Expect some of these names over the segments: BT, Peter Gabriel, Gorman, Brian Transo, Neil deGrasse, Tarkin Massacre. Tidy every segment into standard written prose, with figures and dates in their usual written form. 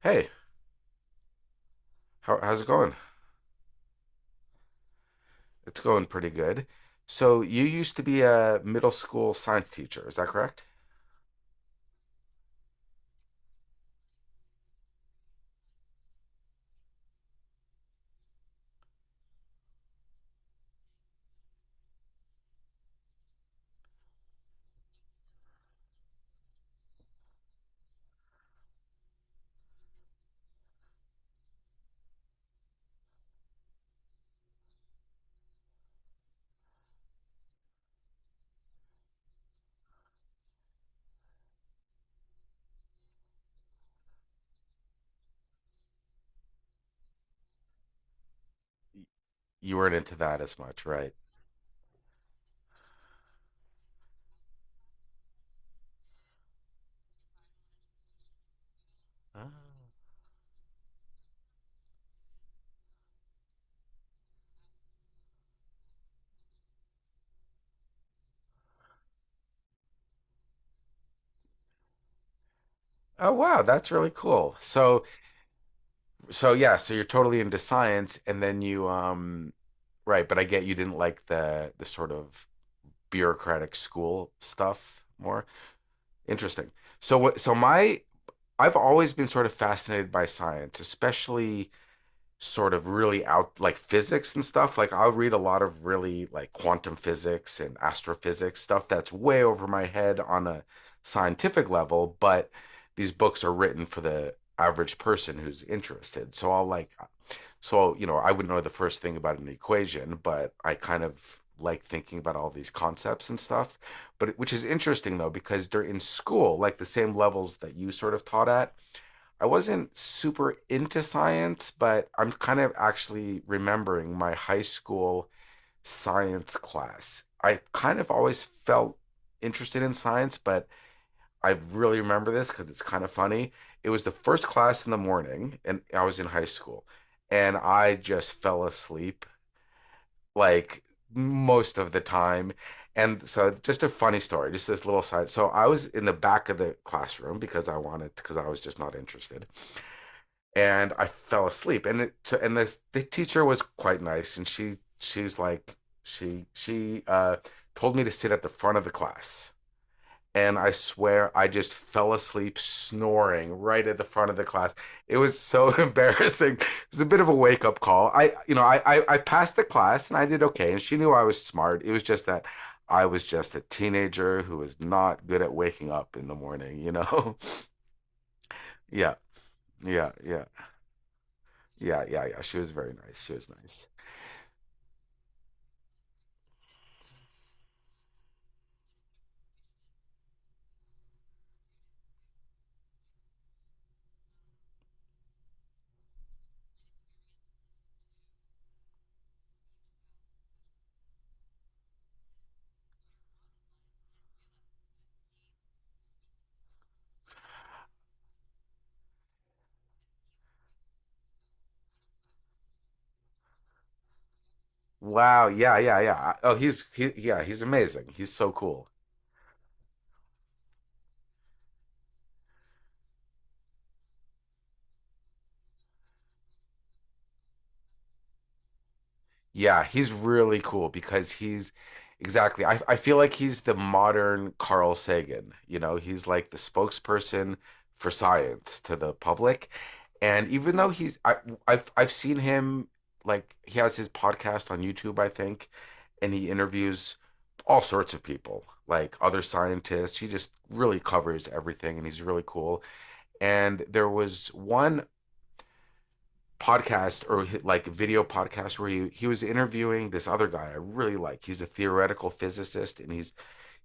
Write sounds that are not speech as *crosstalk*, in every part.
Hey, how's it going? It's going pretty good. So you used to be a middle school science teacher, is that correct? You weren't into that as much, right? Ah. Oh wow, that's really cool. So you're totally into science and then you, right, but I get you didn't like the sort of bureaucratic school stuff more. Interesting. So what so my I've always been sort of fascinated by science, especially sort of really out like physics and stuff. Like I'll read a lot of really like quantum physics and astrophysics stuff that's way over my head on a scientific level, but these books are written for the average person who's interested. So I'll like so, you know, I would not know the first thing about an equation, but I kind of like thinking about all these concepts and stuff. But which is interesting though, because during in school, like the same levels that you sort of taught at, I wasn't super into science, but I'm kind of actually remembering my high school science class. I kind of always felt interested in science, but I really remember this because it's kind of funny. It was the first class in the morning, and I was in high school, and I just fell asleep like most of the time. And so, just a funny story, just this little side. So, I was in the back of the classroom because I wanted, because I was just not interested, and I fell asleep. And this the teacher was quite nice, and she's like she told me to sit at the front of the class and I swear I just fell asleep snoring right at the front of the class. It was so *laughs* embarrassing. It was a bit of a wake up call. I, you know, I passed the class and I did okay, and she knew I was smart. It was just that I was just a teenager who was not good at waking up in the morning. You know? *laughs* Yeah, yeah, yeah, yeah, yeah, yeah. She was very nice. She was nice. Wow. Yeah, yeah, yeah. Oh, he's amazing. He's so cool. Yeah, he's really cool because he's, exactly. I feel like he's the modern Carl Sagan. You know, he's like the spokesperson for science to the public. And even though he's, I, I've seen him like he has his podcast on YouTube, I think, and he interviews all sorts of people, like other scientists. He just really covers everything, and he's really cool. And there was one podcast or like video podcast where he was interviewing this other guy I really like. He's a theoretical physicist and he's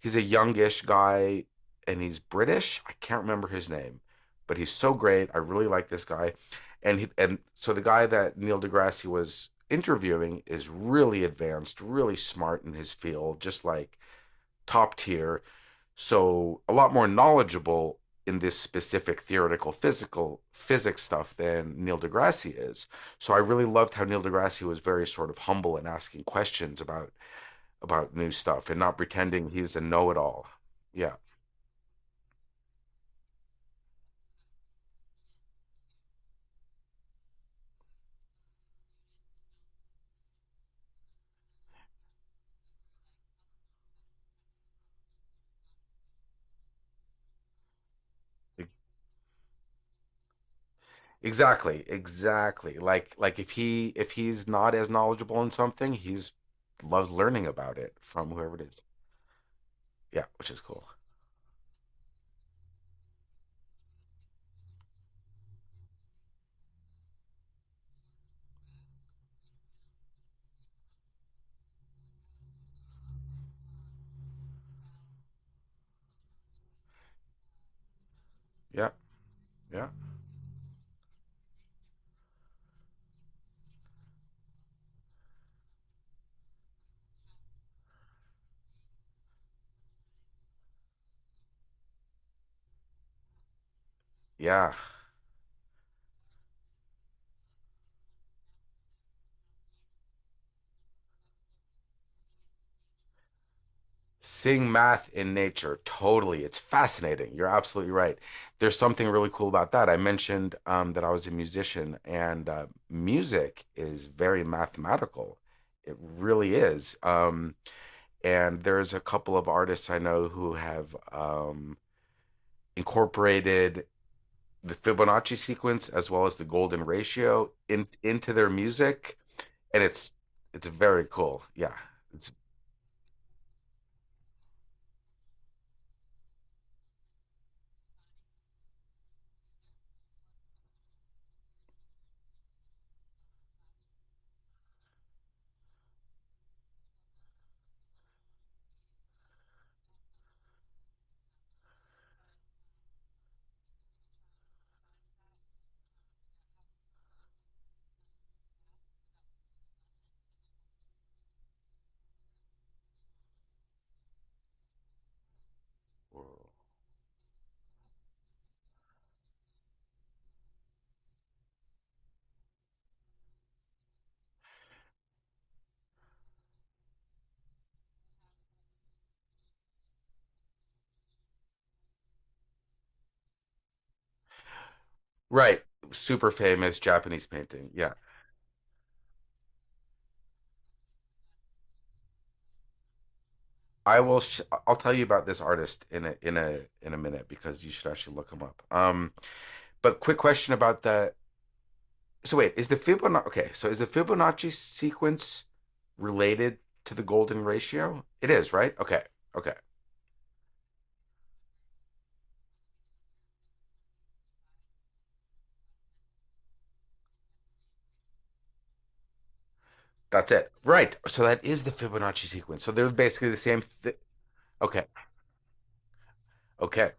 he's a youngish guy and he's British. I can't remember his name, but he's so great. I really like this guy. And he, and so the guy that Neil deGrasse was interviewing is really advanced, really smart in his field, just like top tier, so a lot more knowledgeable in this specific theoretical physical physics stuff than Neil deGrasse is. So I really loved how Neil deGrasse was very sort of humble and asking questions about new stuff and not pretending he's a know-it-all. Yeah. e-, Exactly, exactly. Like if he's not as knowledgeable in something, he's loves learning about it from whoever it is. Yeah, which is cool. Yeah, yeah, yeah. Seeing math in nature totally, it's fascinating, you're absolutely right. There's something really cool about that. I mentioned that I was a musician, and music is very mathematical. It really is, and there's a couple of artists I know who have incorporated the Fibonacci sequence as well as the golden ratio into their music, and it's very cool. Yeah, it's right. Super famous Japanese painting, yeah. I will. I'll tell you about this artist in a minute because you should actually look him up. But quick question about the. So wait, is the Fibonacci okay? So is the Fibonacci sequence related to the golden ratio? It is, right? Okay, okay, that's it. Right. So that is the Fibonacci sequence. So they're basically the same. Okay, okay.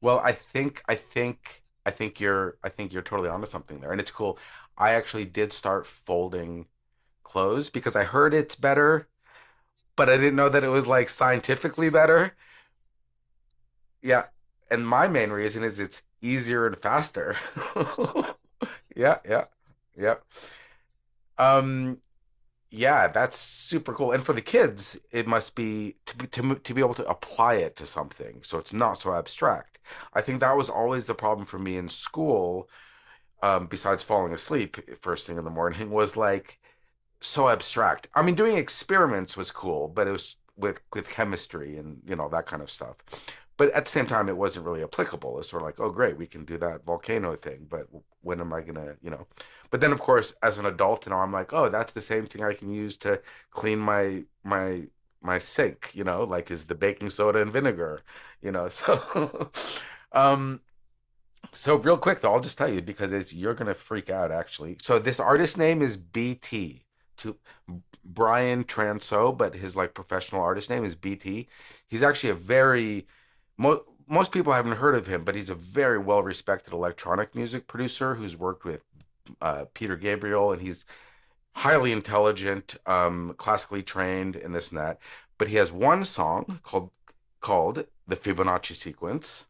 Well, I think you're totally onto something there, and it's cool. I actually did start folding clothes because I heard it's better, but I didn't know that it was like scientifically better. Yeah. And my main reason is it's easier and faster. *laughs* Yeah, yeah. Yeah. Um yeah, that's super cool. And for the kids, it must be to be able to apply it to something, so it's not so abstract. I think that was always the problem for me in school. Besides falling asleep first thing in the morning, was like so abstract. I mean, doing experiments was cool, but it was with chemistry and you know that kind of stuff. But at the same time, it wasn't really applicable. It's sort of like, oh, great, we can do that volcano thing, but when am I gonna, you know? But then, of course, as an adult, you know, I'm like, oh, that's the same thing I can use to clean my my sink, you know, like is the baking soda and vinegar, you know. So, *laughs* um, so real quick though, I'll just tell you because it's you're gonna freak out actually. So this artist name is BT to Brian Transo, but his like professional artist name is BT. He's actually a very most people haven't heard of him, but he's a very well respected electronic music producer who's worked with Peter Gabriel, and he's highly intelligent, classically trained, and this and that. But he has one song called the Fibonacci Sequence,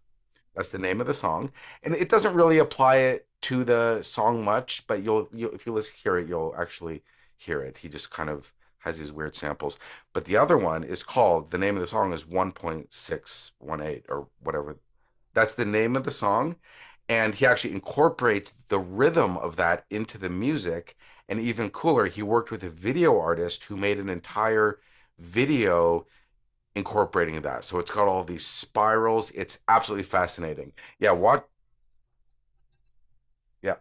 that's the name of the song, and it doesn't really apply it to the song much, but you'll, if you listen hear it, you'll actually hear it. He just kind of has these weird samples. But the other one is called, the name of the song is 1.618 or whatever. That's the name of the song, and he actually incorporates the rhythm of that into the music. And even cooler, he worked with a video artist who made an entire video incorporating that. So it's got all these spirals. It's absolutely fascinating. Yeah, watch yeah.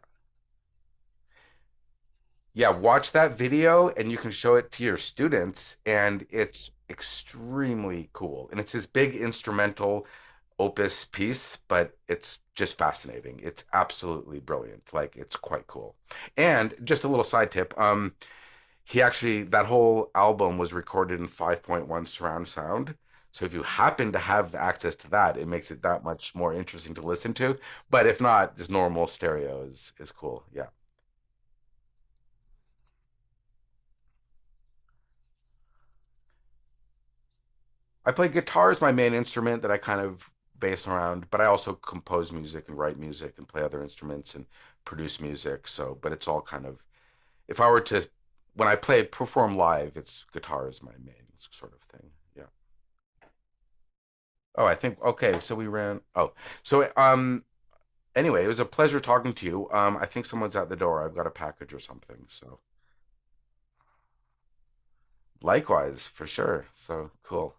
Yeah, watch that video and you can show it to your students and it's extremely cool. And it's this big instrumental opus piece, but it's just fascinating. It's absolutely brilliant. Like it's quite cool. And just a little side tip, he actually that whole album was recorded in 5.1 surround sound, so if you happen to have access to that, it makes it that much more interesting to listen to. But if not, just normal stereo is cool. Yeah, I play guitar as my main instrument that I kind of base around, but I also compose music and write music and play other instruments and produce music. So but it's all kind of, if I were to, when I play perform live, it's guitar is my main sort of thing, yeah. oh I think Okay, so we ran, so um anyway, it was a pleasure talking to you. I think someone's at the door. I've got a package or something. So likewise, for sure. So cool.